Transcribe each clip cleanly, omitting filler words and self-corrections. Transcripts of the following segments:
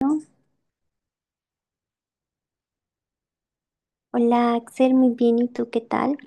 ¿No? Hola Axel, muy bien, ¿y tú qué tal?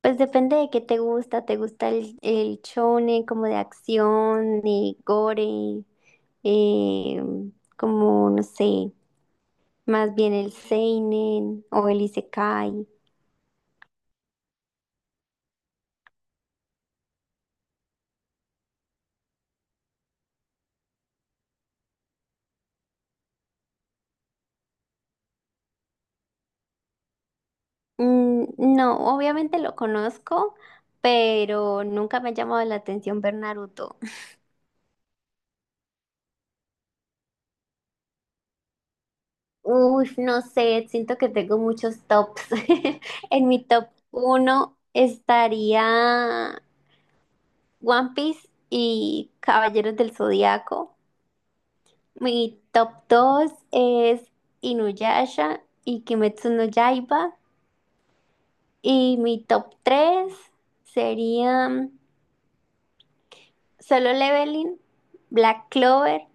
Pues depende de qué ¿te gusta el shonen como de acción, de gore, eh, como no sé, más bien el seinen o el isekai? No, obviamente lo conozco, pero nunca me ha llamado la atención ver Naruto. Uy, no sé, siento que tengo muchos tops. En mi top uno estaría One Piece y Caballeros del Zodiaco. Mi top 2 es Inuyasha y Kimetsu no Yaiba. Y mi top 3 serían Solo Leveling, Black Clover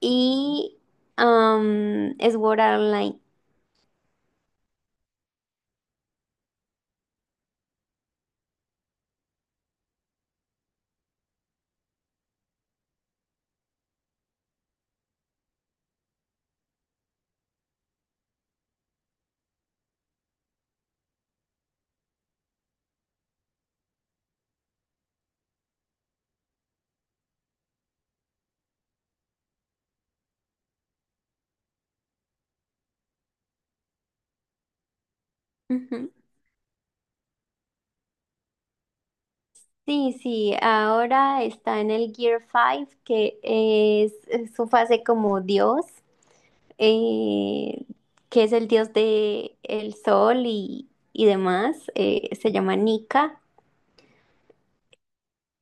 y Sword Art Online. Ujú. Sí, sí, ahora está en el Gear 5, que es su fase como Dios. eh, que es el dios de el sol y demás, se llama Nika.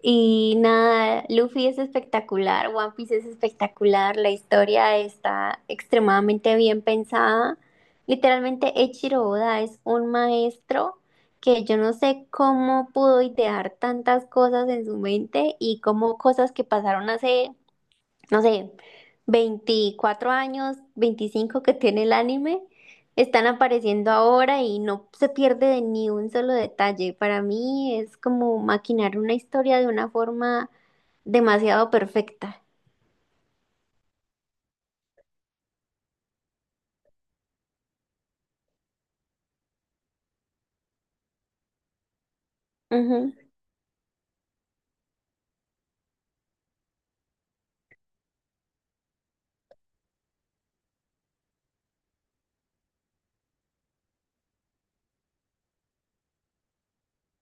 Y nada, Luffy es espectacular, One Piece es espectacular, la historia está extremadamente bien pensada. Literalmente, Eiichiro Oda es un maestro que yo no sé cómo pudo idear tantas cosas en su mente y cómo cosas que pasaron hace no sé, 24 años, 25 que tiene el anime, están apareciendo ahora y no se pierde de ni un solo detalle. Para mí es como maquinar una historia de una forma demasiado perfecta.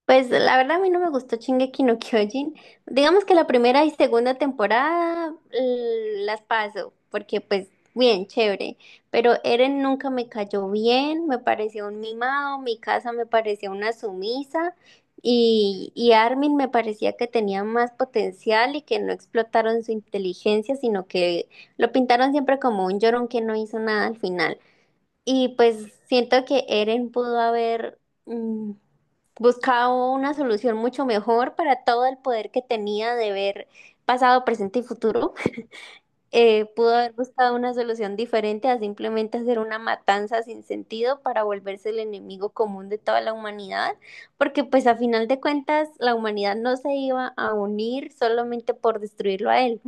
Pues la verdad a mí no me gustó Shingeki no Kyojin. Digamos que la primera y segunda temporada las paso, porque pues bien, chévere. Pero Eren nunca me cayó bien, me pareció un mimado, mi casa me parecía una sumisa y Armin me parecía que tenía más potencial y que no explotaron su inteligencia, sino que lo pintaron siempre como un llorón que no hizo nada al final. Y pues siento que Eren pudo haber mm, buscado una solución mucho mejor para todo el poder que tenía de ver pasado, presente y futuro. Pudo haber buscado una solución diferente a simplemente hacer una matanza sin sentido para volverse el enemigo común de toda la humanidad, porque pues a final de cuentas la humanidad no se iba a unir solamente por destruirlo a él.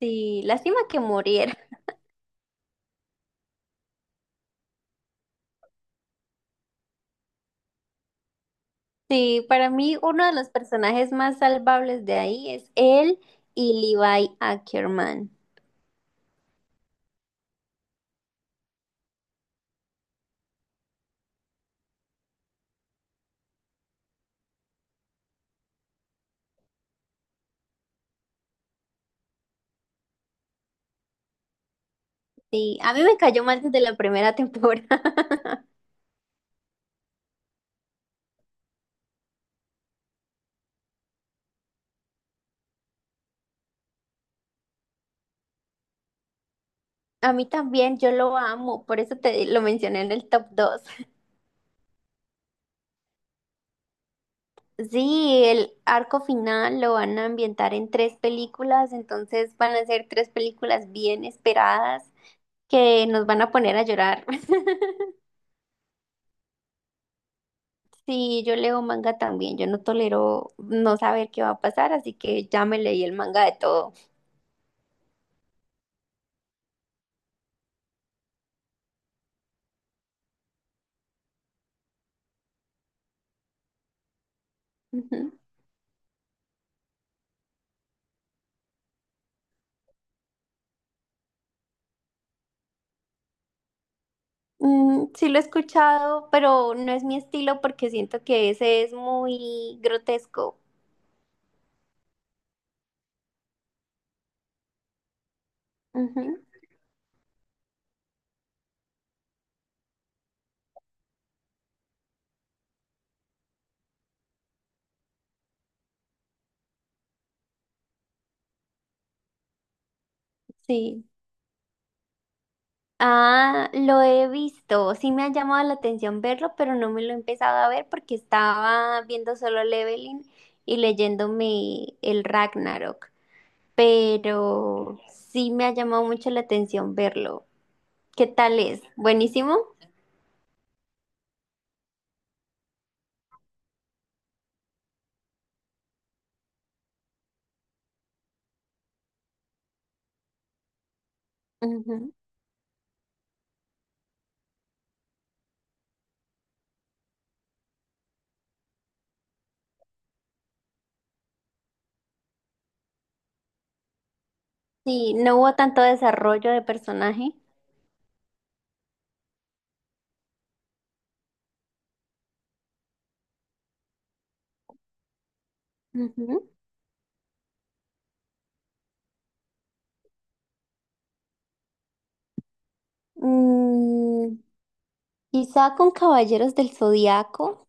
Sí, lástima que muriera. Sí, para mí uno de los personajes más salvables de ahí es él y Levi Ackerman. Sí, a mí me cayó mal desde la primera temporada. A mí también, yo lo amo, por eso te lo mencioné en el top 2. Sí, el arco final lo van a ambientar en tres películas, entonces van a ser tres películas bien esperadas que nos van a poner a llorar. Sí, yo leo manga también, yo no tolero no saber qué va a pasar, así que ya me leí el manga de todo. Ujú. Sí lo he escuchado, pero no es mi estilo porque siento que ese es muy grotesco. Ujú, sí. Ah, lo he visto. Sí me ha llamado la atención verlo, pero no me lo he empezado a ver porque estaba viendo solo Leveling y leyéndome el Ragnarok. Pero sí me ha llamado mucho la atención verlo. ¿Qué tal es? ¿Buenísimo? Ujú. Sí, no hubo tanto desarrollo de personaje. Ujú. Mm, Quizá con Caballeros del Zodiaco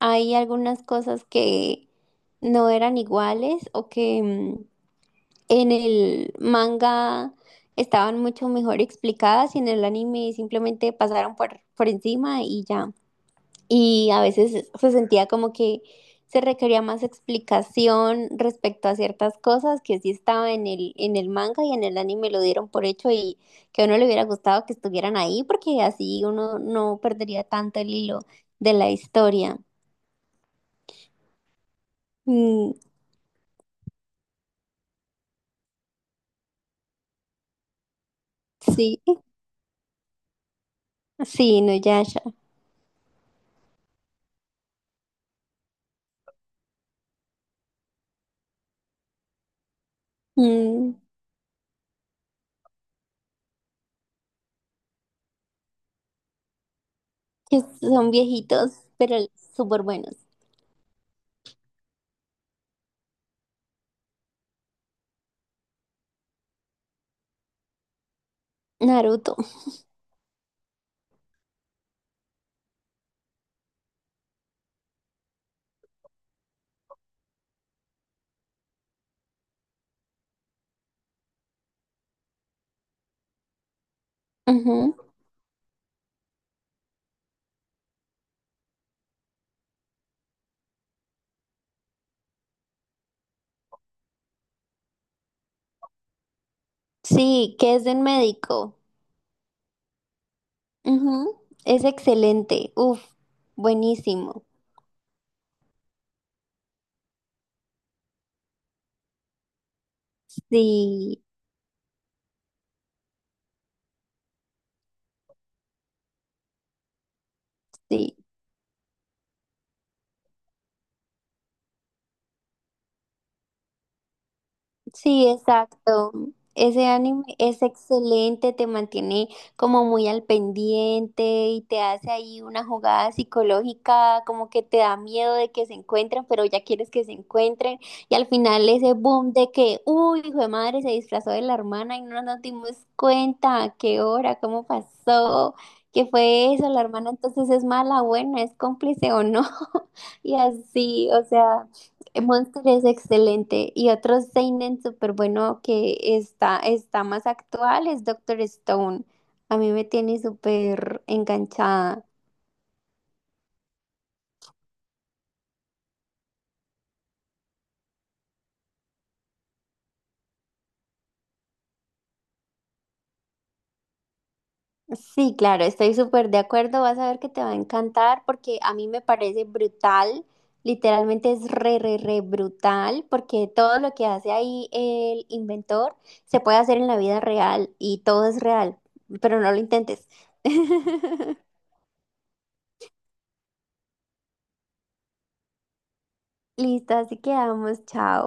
hay algunas cosas que no eran iguales o que en el manga estaban mucho mejor explicadas y en el anime simplemente pasaron por encima y ya y a veces se sentía como que se requería más explicación respecto a ciertas cosas que sí estaba en el manga y en el anime lo dieron por hecho y que a uno le hubiera gustado que estuvieran ahí porque así uno no perdería tanto el hilo de la historia. Mm, sí, sí, Nuyasha. Mm, que son viejitos, pero súper buenos. Naruto. Ujú. Sí, que es de un médico. Ujú, es excelente. Uf, buenísimo. Sí, sí. Sí, exacto. Ese anime es excelente, te mantiene como muy al pendiente y te hace ahí una jugada psicológica, como que te da miedo de que se encuentren, pero ya quieres que se encuentren. Y al final ese boom de que, uy, hijo de madre, se disfrazó de la hermana y no nos dimos cuenta, ¿a qué hora, cómo pasó, qué fue eso, la hermana entonces es mala, buena, es cómplice o no? Y así, o sea. Monster es excelente y otro seinen súper bueno que está, está más actual es Doctor Stone. A mí me tiene súper enganchada. Sí, claro, estoy súper de acuerdo. Vas a ver que te va a encantar porque a mí me parece brutal. Literalmente es re, re, re brutal porque todo lo que hace ahí el inventor se puede hacer en la vida real y todo es real, pero no lo intentes. Listo, así quedamos. Chao.